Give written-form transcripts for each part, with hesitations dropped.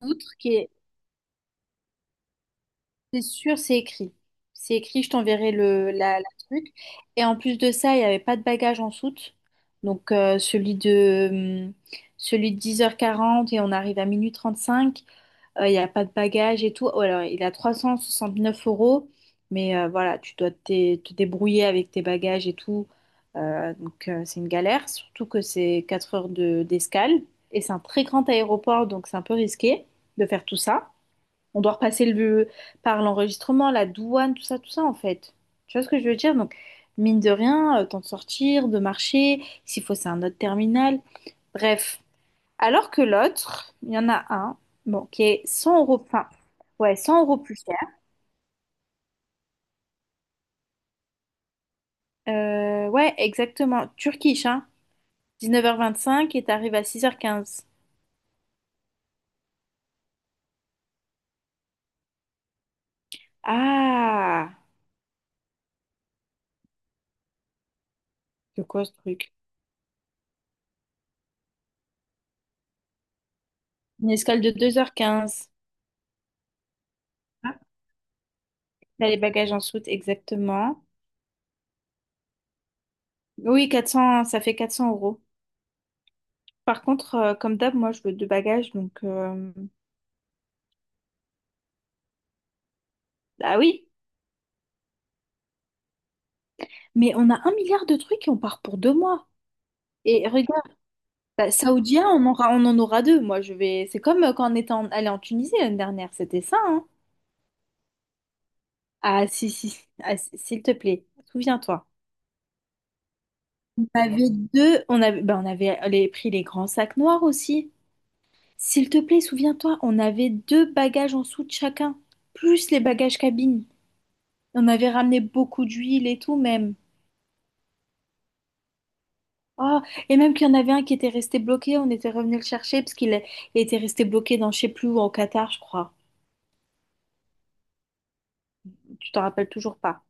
Outre qui est, c'est sûr, c'est écrit. C'est écrit, je t'enverrai la truc. Et en plus de ça, il n'y avait pas de bagage en soute. Donc hum, celui de 10h40 et on arrive à minuit 35. Il n'y a pas de bagage et tout. Oh, alors, il a 369 euros. Mais voilà, tu dois te débrouiller avec tes bagages et tout. Donc c'est une galère, surtout que c'est 4 heures d'escale. Et c'est un très grand aéroport, donc c'est un peu risqué de faire tout ça. On doit repasser par l'enregistrement, la douane, tout ça, en fait. Tu vois ce que je veux dire? Donc, mine de rien, temps de sortir, de marcher, s'il faut, c'est un autre terminal. Bref. Alors que l'autre, il y en a un, bon, qui est 100 euros, enfin, ouais, 100 euros plus cher. Ouais, exactement. Turkish, hein. 19 h 25 et t'arrives à 6 h 15. Ah, c'est quoi ce truc? Une escale de 2 h 15. Ah, t'as les bagages en soute, exactement. Oui, 400, ça fait 400 euros. Par contre, comme d'hab, moi, je veux deux bagages, donc... Ah oui, mais on a un milliard de trucs et on part pour 2 mois. Et regarde, bah, Saoudien, on en aura deux. Moi, je vais... C'est comme quand on était allé en Tunisie l'année dernière, c'était ça, hein? Ah, si, si, si, ah, s'il te plaît, souviens-toi. On avait deux... On avait, bah, on avait pris les grands sacs noirs aussi. S'il te plaît, souviens-toi, on avait deux bagages en dessous de chacun, plus les bagages cabine. On avait ramené beaucoup d'huile et tout, même. Ah, et même qu'il y en avait un qui était resté bloqué, on était revenu le chercher parce il était resté bloqué dans je sais plus où, au Qatar, je crois. Tu t'en rappelles toujours pas.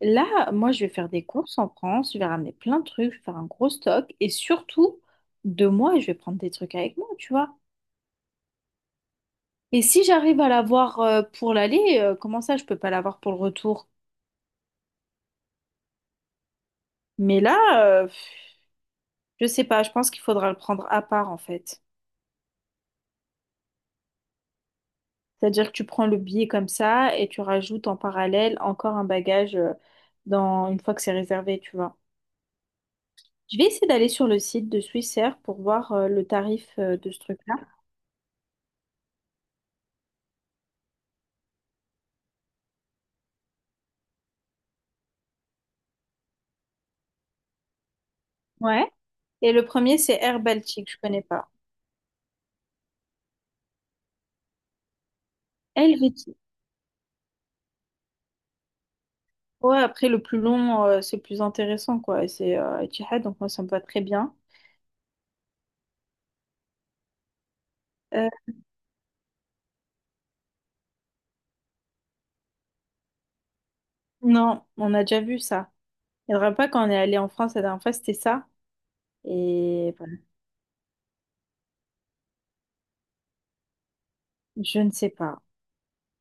Là, moi, je vais faire des courses en France, je vais ramener plein de trucs, je vais faire un gros stock et surtout, de moi, je vais prendre des trucs avec moi, tu vois. Et si j'arrive à l'avoir pour l'aller, comment ça, je peux pas l'avoir pour le retour? Mais là, euh, pff, je sais pas, je pense qu'il faudra le prendre à part en fait. C'est-à-dire que tu prends le billet comme ça et tu rajoutes en parallèle encore un bagage dans une fois que c'est réservé, tu vois. Je vais essayer d'aller sur le site de Swissair pour voir le tarif de ce truc-là. Ouais. Et le premier, c'est Air Baltic, je connais pas. Helvétie. Ouais, après le plus long, c'est le plus intéressant, quoi. Et c'est Etihad, donc moi ça me va très bien. Euh, non, on a déjà vu ça. Il ne faudra pas quand on est allé en France la dernière fois, c'était ça. Et voilà. Je ne sais pas.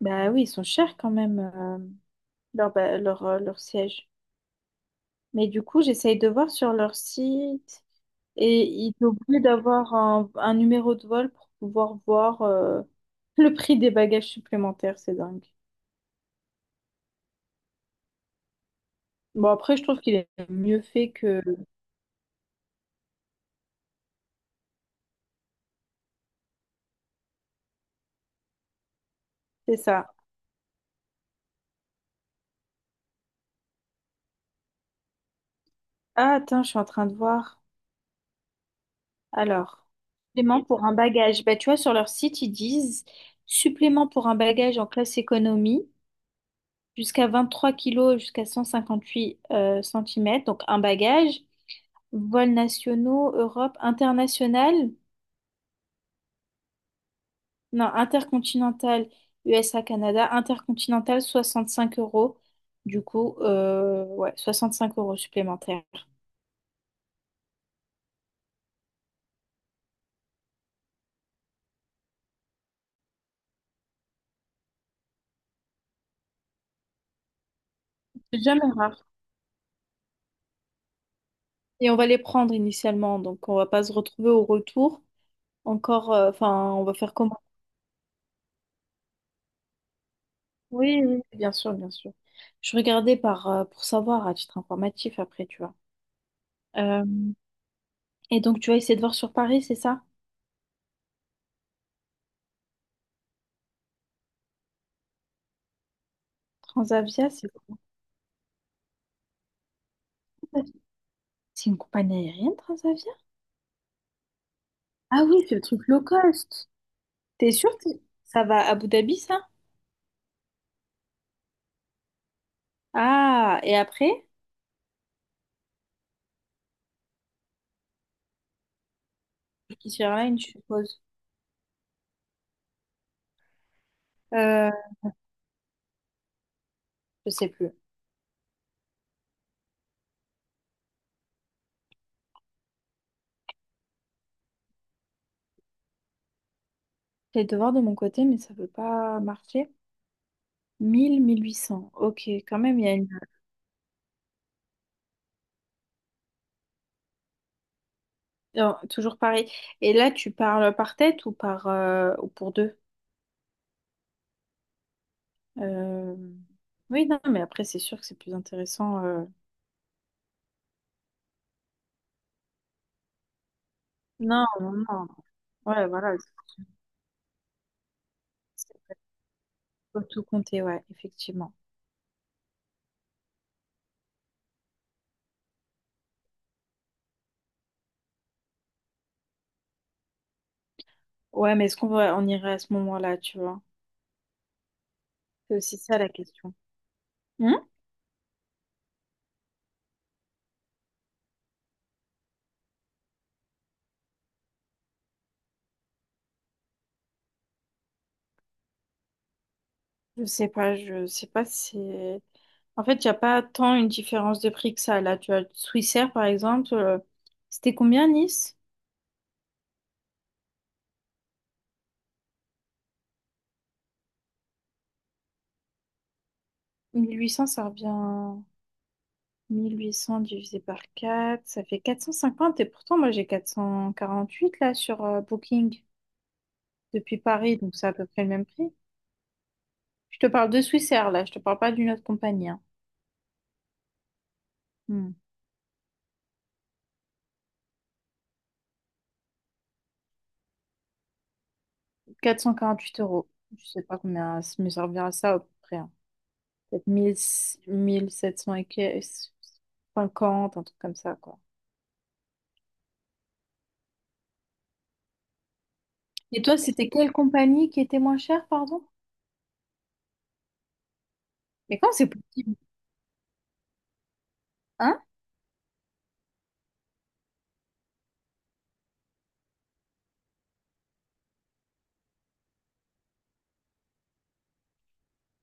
Bah oui, ils sont chers quand même. Leur siège. Mais du coup, j'essaye de voir sur leur site et ils t'obligent d'avoir un numéro de vol pour pouvoir voir le prix des bagages supplémentaires. C'est dingue. Bon, après, je trouve qu'il est mieux fait que... C'est ça. Ah, attends, je suis en train de voir. Alors, supplément pour un bagage. Bah, tu vois, sur leur site, ils disent supplément pour un bagage en classe économie jusqu'à 23 kilos, jusqu'à 158 centimètres. Donc, un bagage. Vols nationaux, Europe, international, non, intercontinental, USA, Canada, intercontinental, 65 euros. Du coup, ouais, 5 euros supplémentaires. C'est jamais rare. Et on va les prendre initialement, donc on va pas se retrouver au retour. Encore, enfin, on va faire comment? Oui, oui, bien sûr, bien sûr. Je regardais par, pour savoir à titre informatif après, tu vois. Euh, et donc, tu vas essayer de voir sur Paris, c'est ça? Transavia, C'est une compagnie aérienne, Transavia? Ah oui, c'est le truc low cost. T'es sûr que ça va à Abu Dhabi, ça? Ah, et après? Qui Airlines, je suppose. Euh, je sais plus. J'ai de voir de mon côté, mais ça veut pas marcher. 1800. Ok, quand même, il y a une... Non, toujours pareil. Et là, tu parles par tête ou par ou pour deux? Euh, Oui, non, mais après, c'est sûr que c'est plus intéressant. Non, non, non. Ouais, voilà. C'est- Faut tout compter, ouais, effectivement. Ouais, mais est-ce qu'on va... on irait à ce moment-là, tu vois? C'est aussi ça la question. Hmm. Je sais pas si c'est... En fait, il n'y a pas tant une différence de prix que ça. Là, tu as Swissair, par exemple, c'était combien Nice? 1800 ça revient... 1800 divisé par 4 ça fait 450. Et pourtant, moi, j'ai 448 là sur Booking depuis Paris, donc c'est à peu près le même prix. Je te parle de Swissair, là, je te parle pas d'une autre compagnie. Hein. Hmm. 8 euros. Je sais pas combien ça me servira ça à peu près. Hein. Peut-être 1700 et que- 50, un truc comme ça, quoi. Et toi, c'était quelle compagnie qui était moins chère, pardon? Mais comment c'est possible? Hein?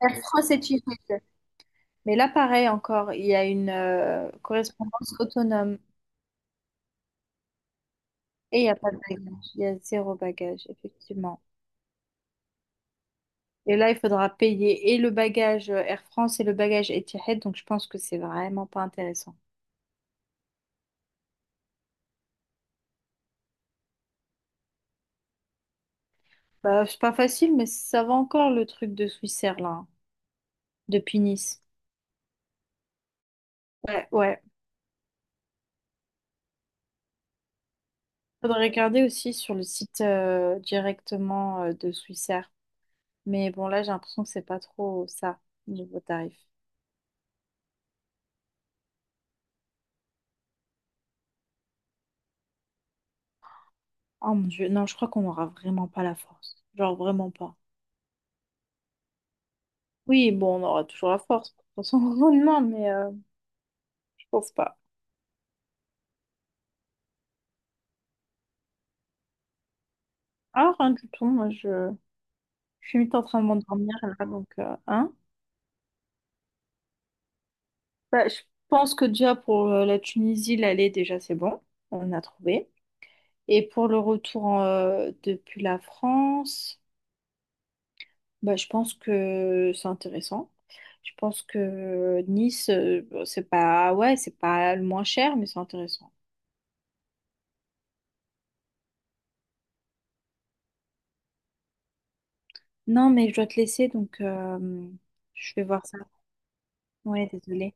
Air France et Etihad. Mais là, pareil encore, il y a une correspondance autonome et il n'y a pas de bagage. Il y a zéro bagage, effectivement. Et là, il faudra payer et le bagage Air France et le bagage Etihad, donc je pense que c'est vraiment pas intéressant. Bah, c'est pas facile, mais ça va encore le truc de Swissair, là, hein, depuis Nice. Ouais, ouais. Faudrait regarder aussi sur le site directement de Swissair. Mais bon, là, j'ai l'impression que c'est pas trop ça, niveau tarif. Oh mon Dieu, non, je crois qu'on n'aura vraiment pas la force. Genre, vraiment pas. Oui, bon, on aura toujours la force, de toute façon, non, mais je pense pas. Ah, rien du tout, moi, je suis vite en train de m'endormir, là, donc, hein. Bah, je pense que déjà, pour la Tunisie, l'aller, déjà, c'est bon. On a trouvé. Et pour le retour en, depuis la France... Bah, je pense que c'est intéressant. Je pense que Nice, bon, c'est pas, ouais, c'est pas le moins cher, mais c'est intéressant. Non, mais je dois te laisser, donc je vais voir ça. Ouais, désolée.